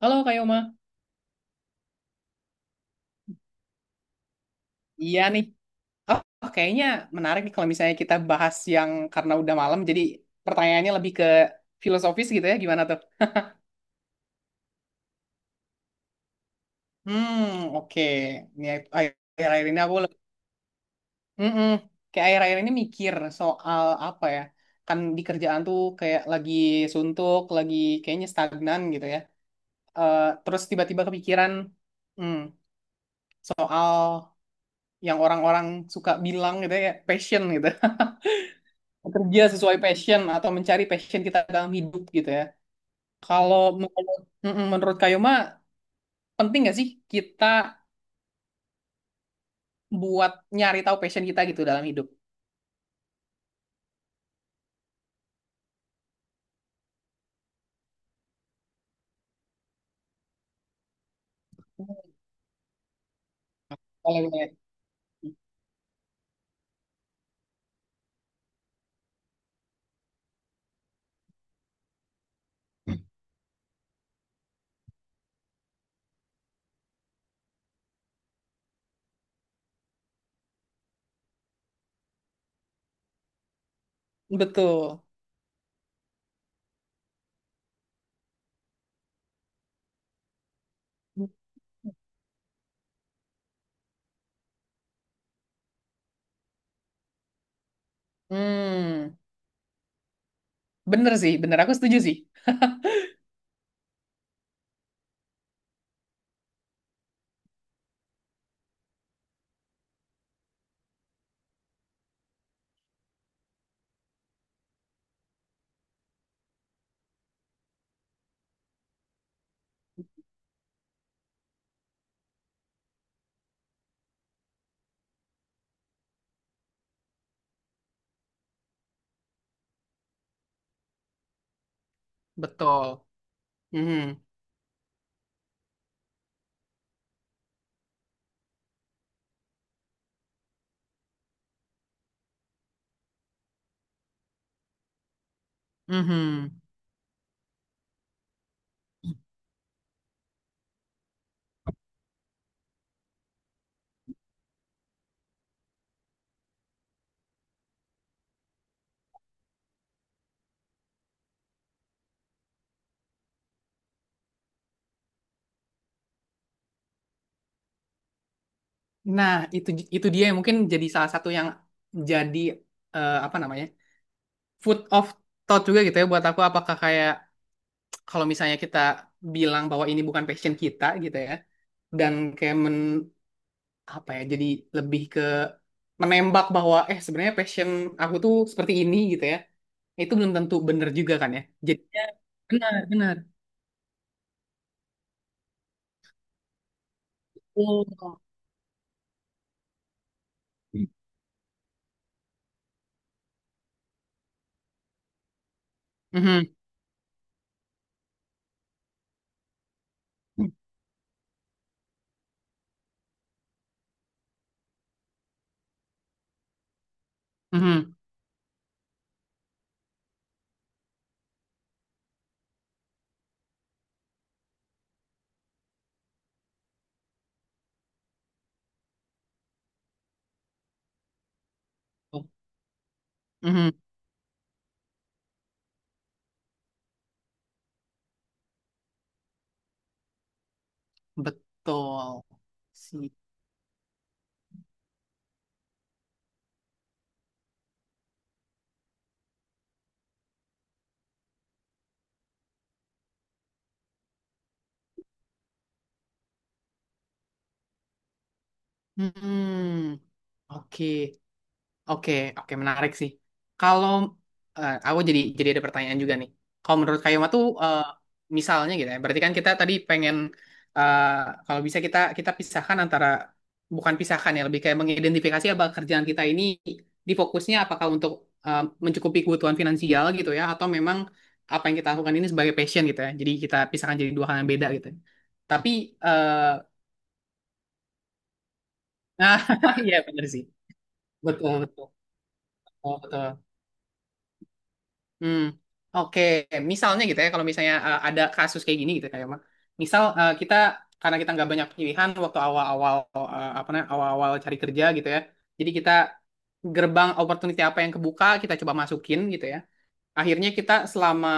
Halo Kak Yoma. Iya nih. Oh, Kayaknya menarik nih kalau misalnya kita bahas yang karena udah malam, jadi pertanyaannya lebih ke filosofis gitu ya, gimana tuh? Hmm, oke. Ini akhir- Akhir-akhir ini aku lebih, Mm-mm, kayak akhir-akhir ini mikir soal apa ya? Kan di kerjaan tuh kayak lagi suntuk, lagi kayaknya stagnan gitu ya. Terus tiba-tiba kepikiran, hmm, soal yang orang-orang suka bilang gitu ya, passion gitu. Kerja sesuai passion atau mencari passion kita dalam hidup gitu ya. Kalau menurut, mm-mm, Menurut Kayoma, penting nggak sih kita buat nyari tahu passion kita gitu dalam hidup? Kalau boleh. Betul. Hmm, Bener sih, bener, aku setuju sih. Betul. Mhm. Mhm. Nah, itu itu dia yang mungkin jadi salah satu yang jadi apa namanya? Food of thought juga gitu ya buat aku, apakah kayak kalau misalnya kita bilang bahwa ini bukan passion kita gitu ya, dan kayak men apa ya, jadi lebih ke menembak bahwa sebenarnya passion aku tuh seperti ini gitu ya, itu belum tentu bener juga kan ya, jadinya benar benar. Oh. Mhm. Mhm. Mhm. Betul sih. Hmm, oke. Oke, oke, menarik sih. Kalau aku jadi ada pertanyaan juga nih. Kalau menurut Kayoma tuh misalnya gitu ya, berarti kan kita tadi pengen eh, kalau bisa kita kita pisahkan antara bukan pisahkan ya, lebih kayak mengidentifikasi apa kerjaan kita ini difokusnya apakah untuk mencukupi kebutuhan finansial gitu ya, atau memang apa yang kita lakukan ini sebagai passion gitu ya. Jadi kita pisahkan jadi dua hal yang beda gitu. Tapi eh nah iya benar sih. Betul, betul. Oh, betul. Hmm, oke. Misalnya gitu ya, kalau misalnya ada kasus kayak gini gitu kayak Mak. Misal kita karena kita nggak banyak pilihan waktu awal-awal, apa namanya, awal-awal cari kerja gitu ya. Jadi kita gerbang opportunity apa yang kebuka kita coba masukin gitu ya. Akhirnya kita selama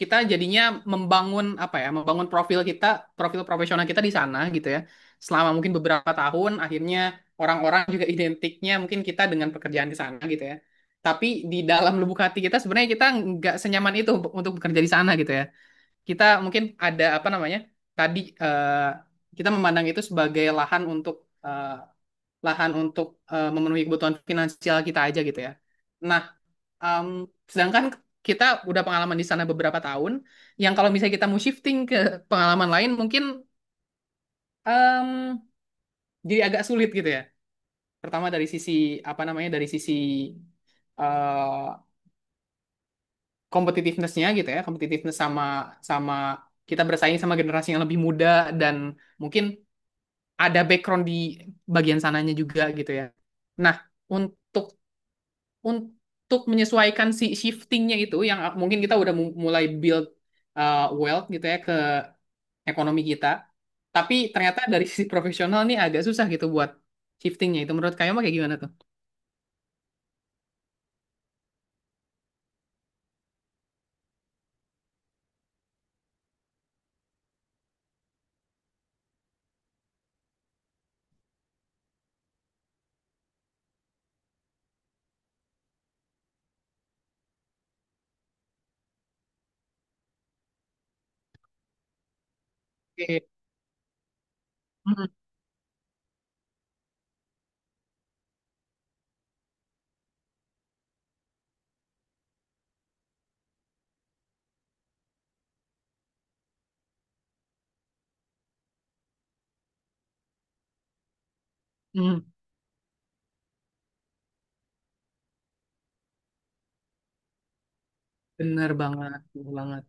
kita jadinya membangun apa ya, membangun profil kita, profil profesional kita di sana gitu ya, selama mungkin beberapa tahun akhirnya orang-orang juga identiknya mungkin kita dengan pekerjaan di sana gitu ya, tapi di dalam lubuk hati kita sebenarnya kita nggak senyaman itu untuk bekerja di sana gitu ya. Kita mungkin ada apa namanya, tadi kita memandang itu sebagai lahan untuk eh, lahan untuk memenuhi kebutuhan finansial kita aja gitu ya. Nah, Um, sedangkan kita udah pengalaman di sana beberapa tahun, yang kalau misalnya kita mau shifting ke pengalaman lain mungkin um, jadi agak sulit gitu ya. Pertama dari sisi apa namanya, dari sisi uh, competitiveness-nya gitu ya, competitiveness sama sama kita bersaing sama generasi yang lebih muda dan mungkin ada background di bagian sananya juga gitu ya. Nah, untuk menyesuaikan si shiftingnya itu, yang mungkin kita udah mulai build wealth gitu ya, ekonomi kita. Tapi ternyata dari sisi profesional nih agak susah gitu buat shiftingnya. Itu menurut kamu kayak gimana tuh? Oke. Mm, mm. Bener banget, bener banget.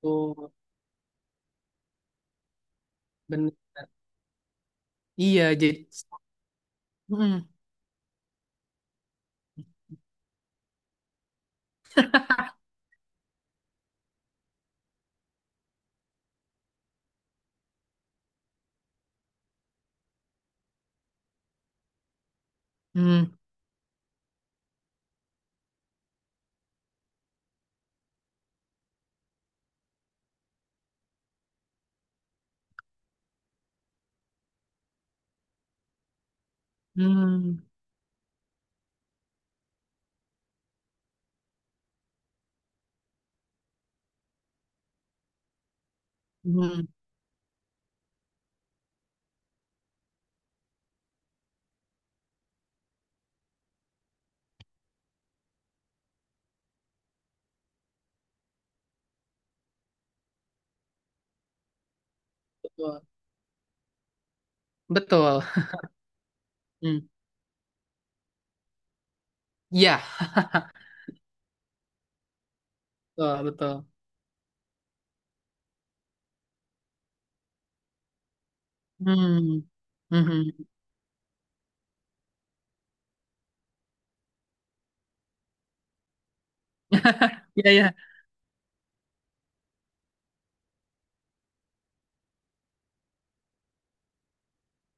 Tuh, bener. Iya, jadi mm, mm, mm, mm. Betul. Betul. Mm. Iya, betul, betul. Mm. Mhm. Iya, iya.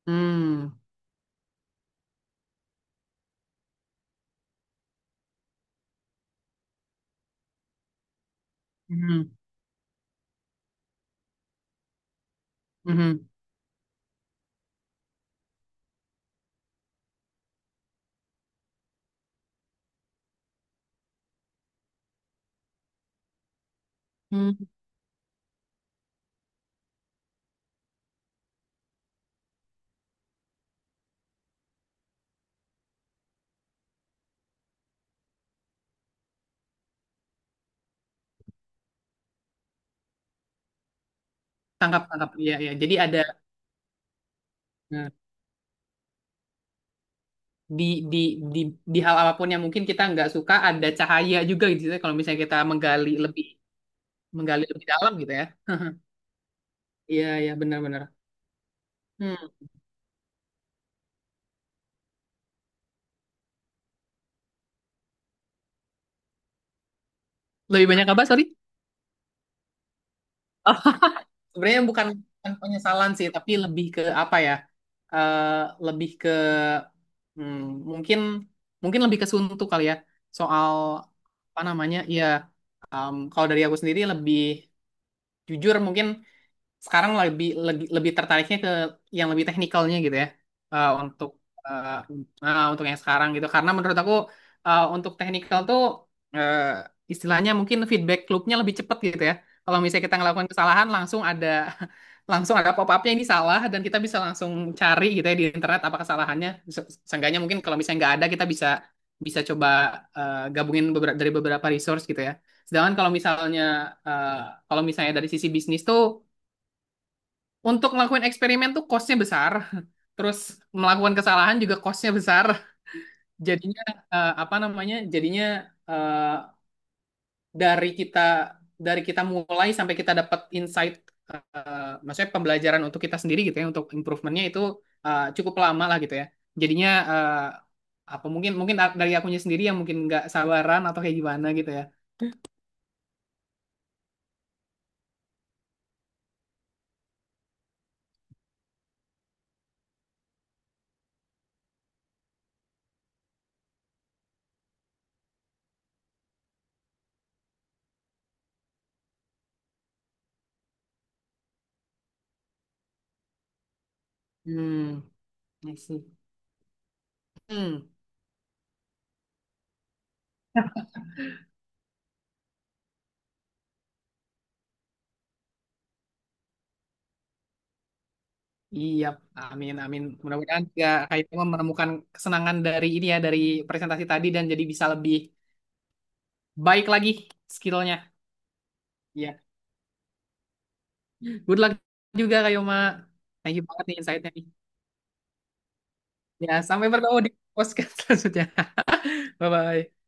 Hmm. Mhm. Mhm. Hmm. Tangkap, tangkap. Iya, iya. Jadi ada. Nah, di di di di hal apapun yang mungkin kita nggak suka ada cahaya juga gitu ya, kalau misalnya kita menggali lebih, menggali lebih dalam gitu ya. Iya, iya, benar-benar. Hmm. Lebih banyak apa, sorry? Oh, sebenarnya bukan, bukan penyesalan sih, tapi lebih ke apa ya. Eh Lebih ke hmm, mungkin mungkin lebih ke suntuk kali ya, soal apa namanya ya. Kalau dari aku sendiri lebih jujur mungkin sekarang lebih lebih lebih tertariknya ke yang lebih teknikalnya gitu ya. Eh, untuk eh, untuk yang sekarang gitu, karena menurut aku untuk teknikal tuh eh, istilahnya mungkin feedback loopnya lebih cepat gitu ya. Kalau misalnya kita ngelakukan kesalahan langsung ada langsung ada pop-upnya ini salah, dan kita bisa langsung cari gitu ya di internet apa kesalahannya. Seenggaknya mungkin kalau misalnya nggak ada, kita bisa bisa coba gabungin beberapa dari beberapa resource gitu ya. Sedangkan kalau misalnya eh, kalau misalnya dari sisi bisnis tuh untuk ngelakuin eksperimen tuh costnya besar. Terus melakukan kesalahan juga costnya besar. Jadinya apa namanya? Jadinya eh, dari kita dari kita mulai sampai kita dapat insight, maksudnya pembelajaran untuk kita sendiri gitu ya, untuk improvementnya itu cukup lama lah gitu ya. Jadinya eh, apa mungkin mungkin dari akunya sendiri yang mungkin nggak sabaran atau kayak gimana gitu ya. Hmm, I see. Hmm. Iya, amin, amin. Mudah-mudahan ya Haitama menemukan kesenangan dari ini ya, dari presentasi tadi dan jadi bisa lebih baik lagi skillnya. Iya, good luck juga Kayoma. Thank you banget nih insight-nya nih. Ya, sampai bertemu di podcast selanjutnya. Bye-bye.